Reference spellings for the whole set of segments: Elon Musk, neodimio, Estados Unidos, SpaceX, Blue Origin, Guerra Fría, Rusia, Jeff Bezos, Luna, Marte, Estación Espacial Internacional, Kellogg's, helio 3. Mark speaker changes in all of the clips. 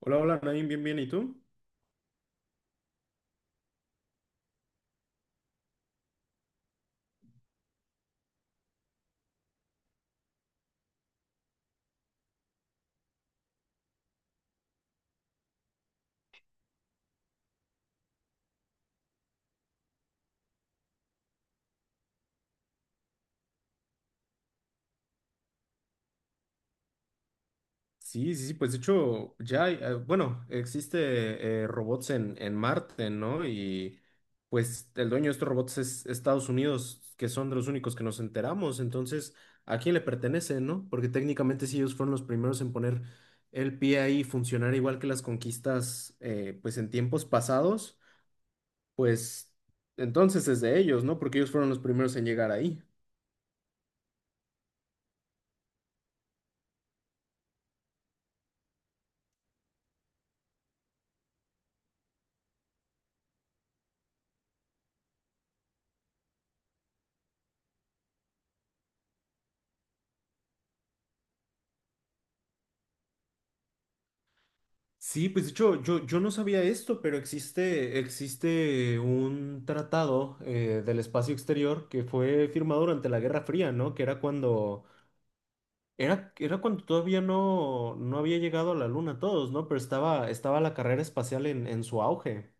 Speaker 1: Hola, hola, Nain, bien, bien, ¿y tú? Sí, sí, sí, pues de hecho ya, hay, bueno, existe robots en Marte, ¿no? Y pues el dueño de estos robots es Estados Unidos, que son de los únicos que nos enteramos. Entonces, ¿a quién le pertenece, no? Porque técnicamente si ellos fueron los primeros en poner el pie ahí y funcionar igual que las conquistas, pues en tiempos pasados, pues entonces es de ellos, ¿no? Porque ellos fueron los primeros en llegar ahí. Sí, pues de hecho, yo no sabía esto, pero existe un tratado del espacio exterior que fue firmado durante la Guerra Fría, ¿no? Era cuando todavía no había llegado a la Luna todos, ¿no? Pero estaba la carrera espacial en su auge.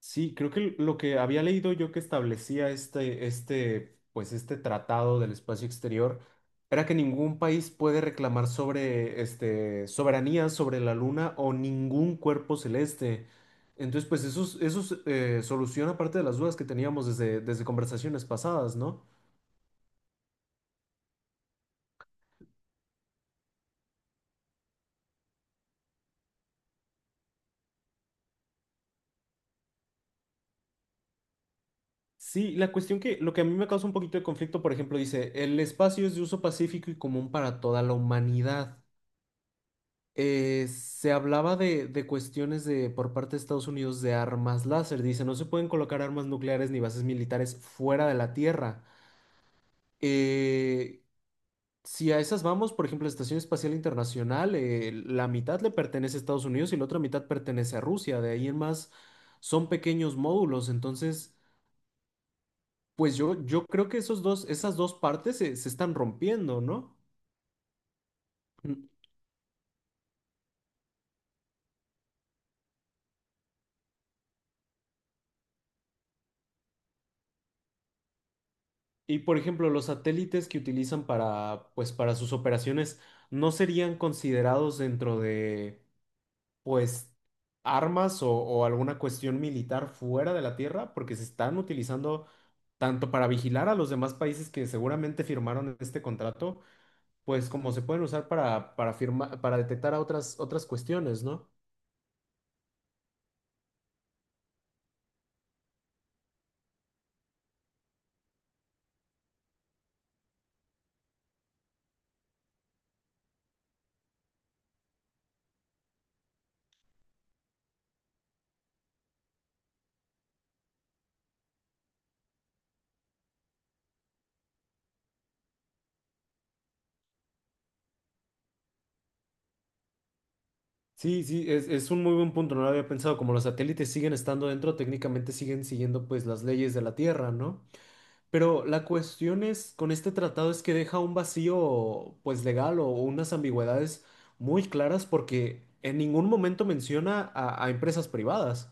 Speaker 1: Sí, creo que lo que había leído yo que establecía pues este tratado del espacio exterior era que ningún país puede reclamar sobre, este, soberanía sobre la luna o ningún cuerpo celeste. Entonces, pues eso, eso es, soluciona parte de las dudas que teníamos desde conversaciones pasadas, ¿no? Sí, la cuestión que lo que a mí me causa un poquito de conflicto, por ejemplo, dice, el espacio es de uso pacífico y común para toda la humanidad. Eh, se hablaba de cuestiones de, por parte de Estados Unidos, de armas láser. Dice, no se pueden colocar armas nucleares ni bases militares fuera de la Tierra. Eh, si a esas vamos, por ejemplo, la Estación Espacial Internacional, la mitad le pertenece a Estados Unidos y la otra mitad pertenece a Rusia. De ahí en más son pequeños módulos. Entonces, pues yo creo que esas dos partes se están rompiendo, ¿no? Y por ejemplo, los satélites que utilizan para, pues, para sus operaciones no serían considerados dentro de, pues, armas o alguna cuestión militar fuera de la Tierra, porque se están utilizando tanto para vigilar a los demás países que seguramente firmaron este contrato, pues como se pueden usar para, para detectar a otras, otras cuestiones, ¿no? Sí, sí, es un muy buen punto, no lo había pensado. Como los satélites siguen estando dentro, técnicamente siguen siguiendo pues las leyes de la Tierra, ¿no? Pero la cuestión es, con este tratado, es que deja un vacío, pues legal, o unas ambigüedades muy claras, porque en ningún momento menciona a empresas privadas.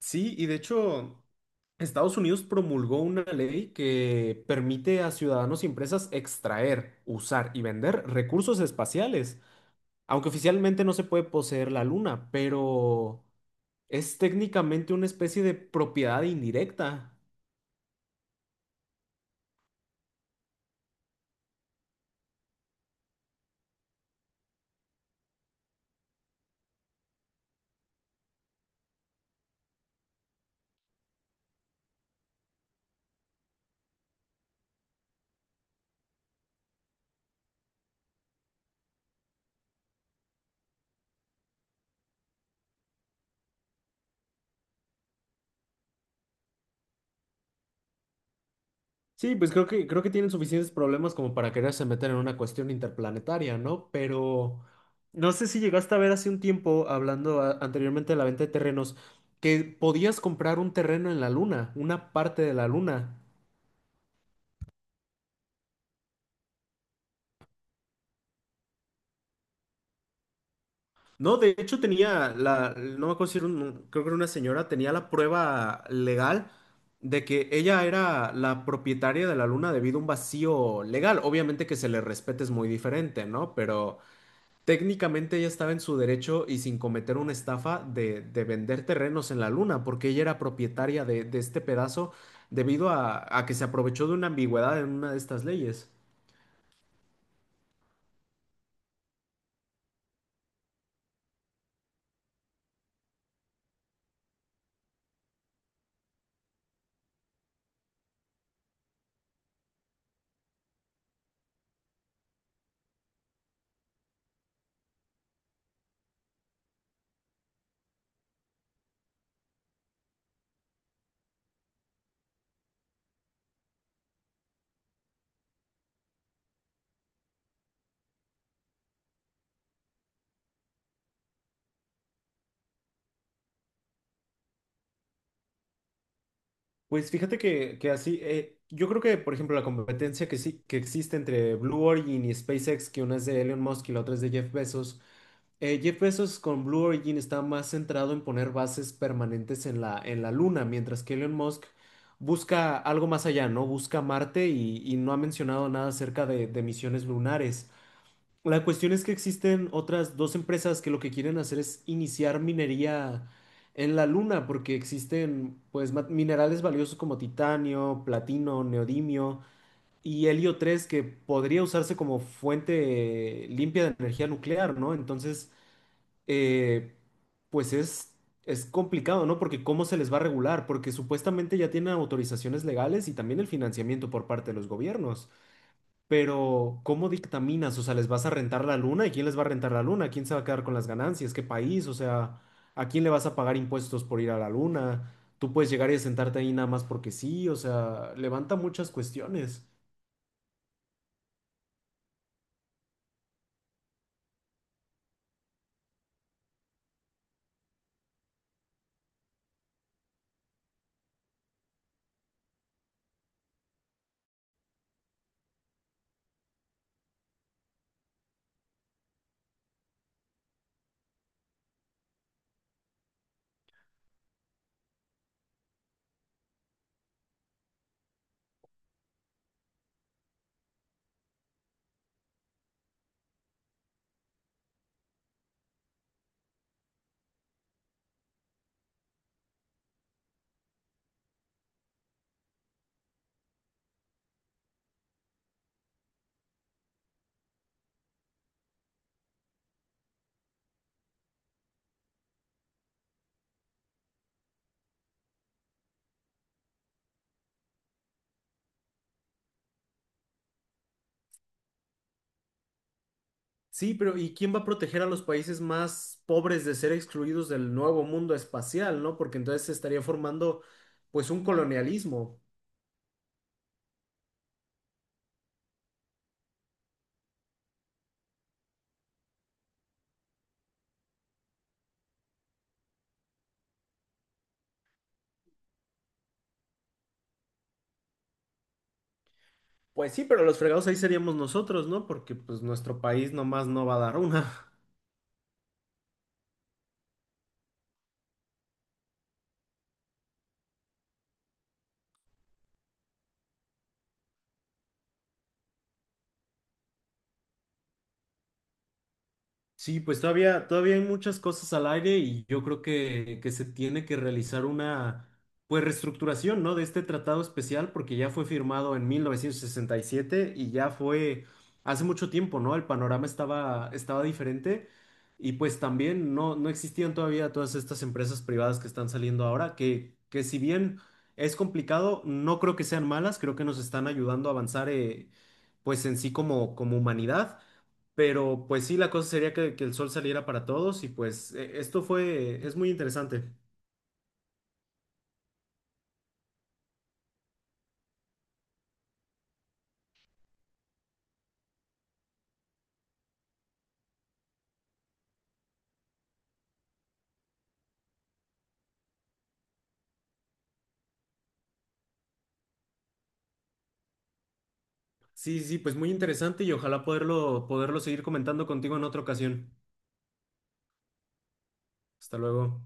Speaker 1: Sí, y de hecho, Estados Unidos promulgó una ley que permite a ciudadanos y empresas extraer, usar y vender recursos espaciales, aunque oficialmente no se puede poseer la luna, pero es técnicamente una especie de propiedad indirecta. Sí, pues creo que tienen suficientes problemas como para quererse meter en una cuestión interplanetaria, ¿no? Pero no sé si llegaste a ver hace un tiempo, hablando anteriormente de la venta de terrenos, que podías comprar un terreno en la luna, una parte de la luna. No, de hecho tenía la, no me acuerdo si era creo que era una señora, tenía la prueba legal de que ella era la propietaria de la luna debido a un vacío legal. Obviamente que se le respete es muy diferente, ¿no? Pero técnicamente ella estaba en su derecho y sin cometer una estafa de vender terrenos en la luna, porque ella era propietaria de este pedazo debido a que se aprovechó de una ambigüedad en una de estas leyes. Pues fíjate que así, yo creo que, por ejemplo, la competencia que sí que existe entre Blue Origin y SpaceX, que una es de Elon Musk y la otra es de Jeff Bezos. Jeff Bezos con Blue Origin está más centrado en poner bases permanentes en la Luna, mientras que Elon Musk busca algo más allá, ¿no? Busca Marte y no ha mencionado nada acerca de misiones lunares. La cuestión es que existen otras dos empresas que lo que quieren hacer es iniciar minería en la Luna, porque existen pues minerales valiosos como titanio, platino, neodimio y helio 3, que podría usarse como fuente limpia de energía nuclear, ¿no? Entonces eh, pues es complicado, ¿no? Porque ¿cómo se les va a regular? Porque supuestamente ya tienen autorizaciones legales y también el financiamiento por parte de los gobiernos. Pero ¿cómo dictaminas? O sea, ¿les vas a rentar la luna? ¿Y quién les va a rentar la luna? ¿Quién se va a quedar con las ganancias? ¿Qué país? O sea, ¿a quién le vas a pagar impuestos por ir a la luna? Tú puedes llegar y sentarte ahí nada más porque sí, o sea, levanta muchas cuestiones. Sí, pero ¿y quién va a proteger a los países más pobres de ser excluidos del nuevo mundo espacial, no? Porque entonces se estaría formando pues un colonialismo. Pues sí, pero los fregados ahí seríamos nosotros, ¿no? Porque pues nuestro país nomás no va a dar una. Sí, pues todavía, todavía hay muchas cosas al aire y yo creo que se tiene que realizar una pues reestructuración, ¿no?, de este tratado especial porque ya fue firmado en 1967 y siete y ya fue hace mucho tiempo, ¿no? El panorama estaba, estaba diferente y pues también no existían todavía todas estas empresas privadas que están saliendo ahora, que si bien es complicado, no creo que sean malas, creo que nos están ayudando a avanzar pues en sí como, como humanidad. Pero pues sí, la cosa sería que el sol saliera para todos y pues esto es muy interesante. Sí, sí, pues muy interesante y ojalá poderlo, poderlo seguir comentando contigo en otra ocasión. Hasta luego.